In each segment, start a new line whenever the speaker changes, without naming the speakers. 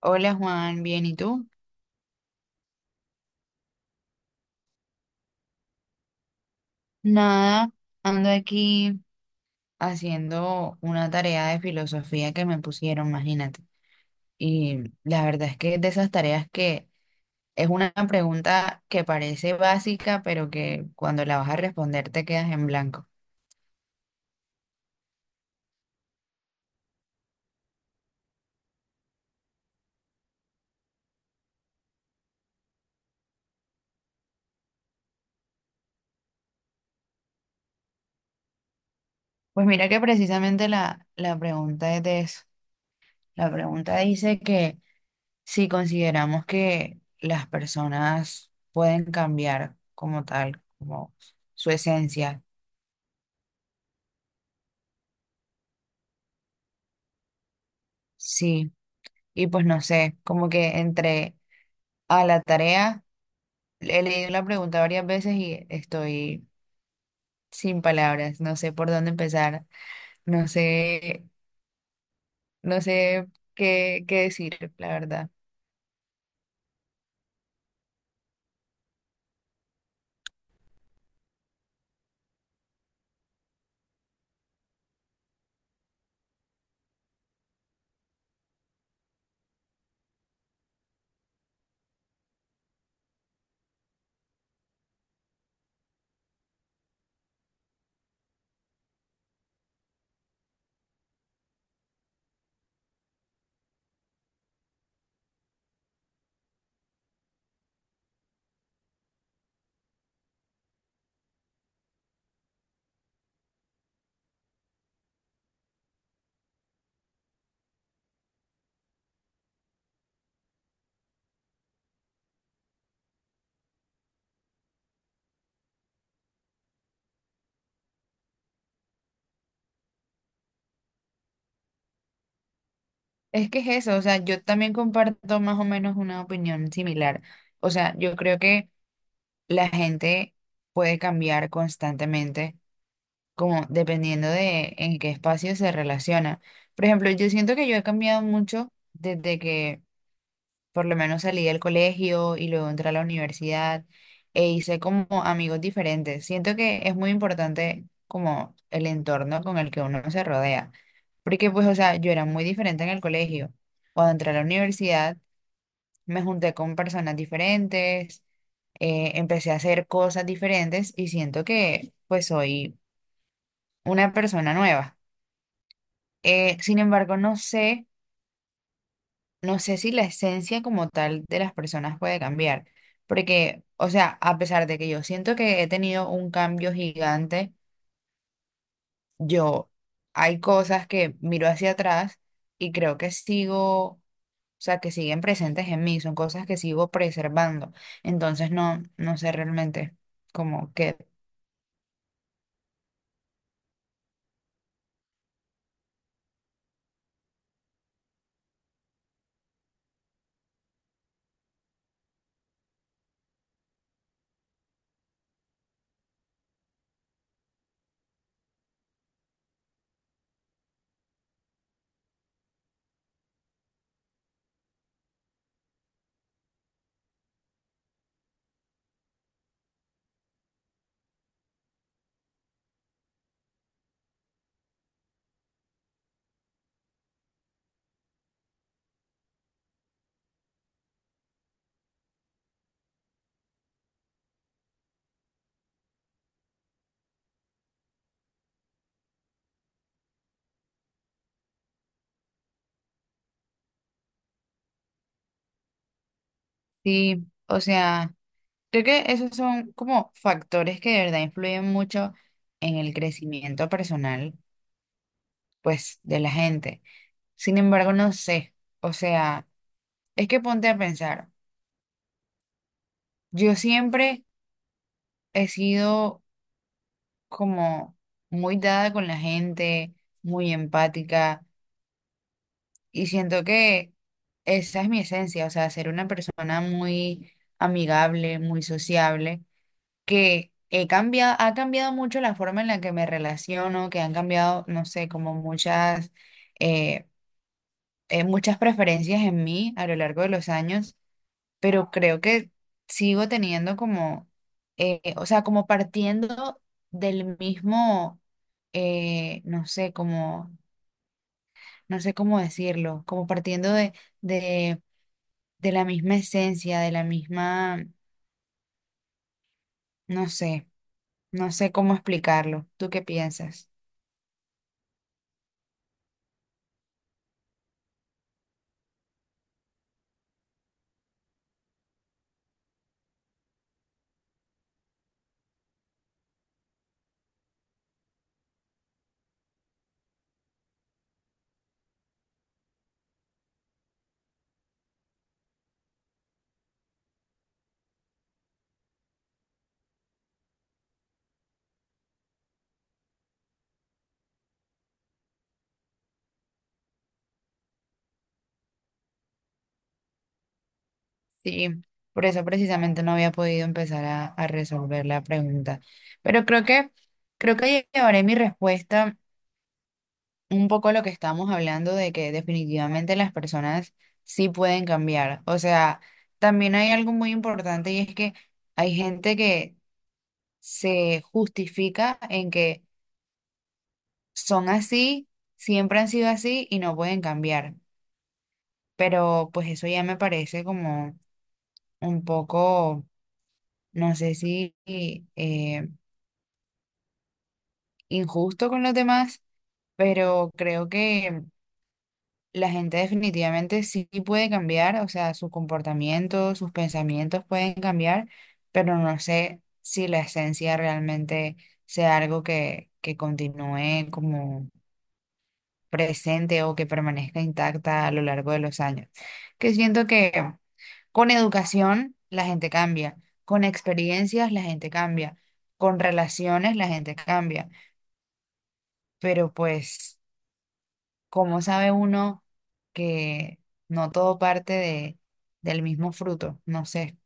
Hola Juan, bien, ¿y tú? Nada, ando aquí haciendo una tarea de filosofía que me pusieron, imagínate. Y la verdad es que es de esas tareas que es una pregunta que parece básica, pero que cuando la vas a responder te quedas en blanco. Pues mira que precisamente la pregunta es de eso. La pregunta dice que si consideramos que las personas pueden cambiar como tal, como su esencia. Sí. Y pues no sé, como que entre a la tarea, he leído la pregunta varias veces y estoy sin palabras, no sé por dónde empezar, no sé, no sé qué decir, la verdad. Es que es eso, o sea, yo también comparto más o menos una opinión similar. O sea, yo creo que la gente puede cambiar constantemente, como dependiendo de en qué espacio se relaciona. Por ejemplo, yo siento que yo he cambiado mucho desde que por lo menos salí del colegio y luego entré a la universidad e hice como amigos diferentes. Siento que es muy importante como el entorno con el que uno se rodea, porque pues, o sea, yo era muy diferente en el colegio. Cuando entré a la universidad, me junté con personas diferentes, empecé a hacer cosas diferentes y siento que pues soy una persona nueva. Sin embargo, no sé. No sé si la esencia como tal de las personas puede cambiar, porque, o sea, a pesar de que yo siento que he tenido un cambio gigante, yo hay cosas que miro hacia atrás y creo que sigo, o sea, que siguen presentes en mí, son cosas que sigo preservando. Entonces, no, no sé realmente como que sí, o sea, creo que esos son como factores que de verdad influyen mucho en el crecimiento personal, pues, de la gente. Sin embargo, no sé. O sea, es que ponte a pensar. Yo siempre he sido como muy dada con la gente, muy empática, y siento que esa es mi esencia, o sea, ser una persona muy amigable, muy sociable, que he cambiado, ha cambiado mucho la forma en la que me relaciono, que han cambiado, no sé, como muchas, eh, muchas preferencias en mí a lo largo de los años. Pero creo que sigo teniendo como, o sea, como partiendo del mismo, no sé, como, no sé cómo decirlo, como partiendo de, de la misma esencia, de la misma, no sé, no sé cómo explicarlo. ¿Tú qué piensas? Sí, por eso precisamente no había podido empezar a resolver la pregunta, pero creo que llevaré mi respuesta un poco lo que estamos hablando de que definitivamente las personas sí pueden cambiar. O sea, también hay algo muy importante y es que hay gente que se justifica en que son así, siempre han sido así y no pueden cambiar. Pero pues eso ya me parece como un poco, no sé si eh, injusto con los demás, pero creo que... La gente definitivamente sí puede cambiar, o sea, su comportamiento, sus pensamientos pueden cambiar, pero no sé si la esencia realmente sea algo que continúe como presente o que permanezca intacta a lo largo de los años. Que siento que con educación la gente cambia, con experiencias la gente cambia, con relaciones la gente cambia, pero pues... ¿Cómo sabe uno que no todo parte de, del mismo fruto? No sé.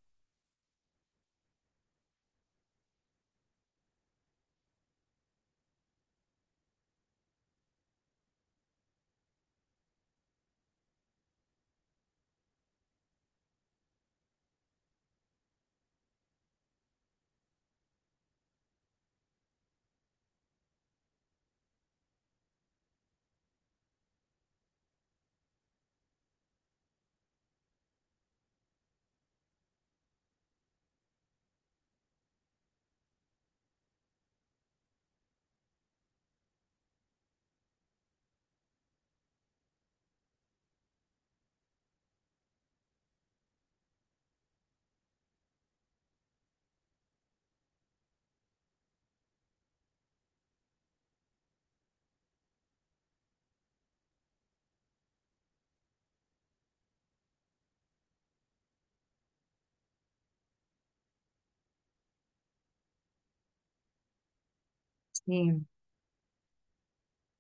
Sí,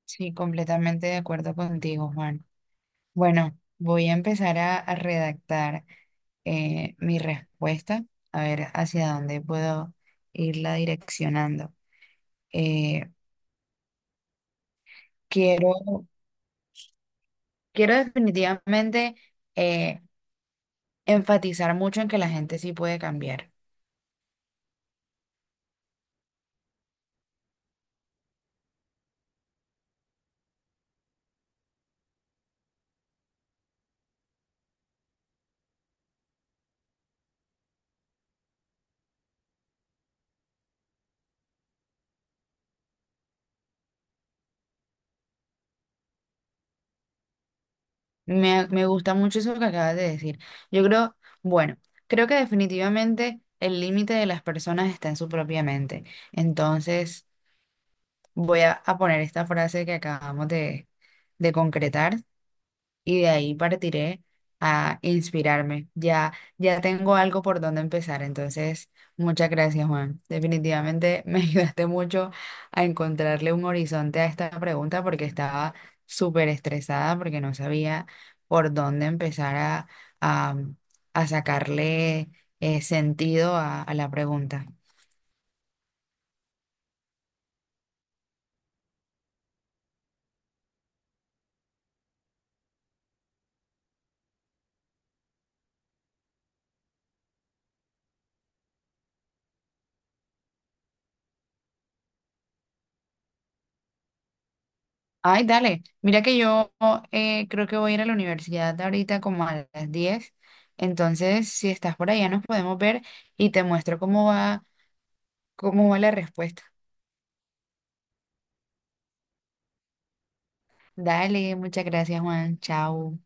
sí, completamente de acuerdo contigo, Juan. Bueno, voy a empezar a redactar mi respuesta, a ver hacia dónde puedo irla direccionando. Eh, quiero, quiero definitivamente eh, enfatizar mucho en que la gente sí puede cambiar. Me gusta mucho eso que acabas de decir. Yo creo, bueno, creo que definitivamente el límite de las personas está en su propia mente. Entonces, voy a poner esta frase que acabamos de concretar y de ahí partiré a inspirarme. Ya, ya tengo algo por donde empezar, entonces muchas gracias, Juan. Definitivamente me ayudaste mucho a encontrarle un horizonte a esta pregunta porque estaba súper estresada porque no sabía por dónde empezar a, a sacarle sentido a la pregunta. Ay, dale. Mira que yo creo que voy a ir a la universidad ahorita como a las 10. Entonces, si estás por allá, nos podemos ver y te muestro cómo va la respuesta. Dale, muchas gracias, Juan. Chao.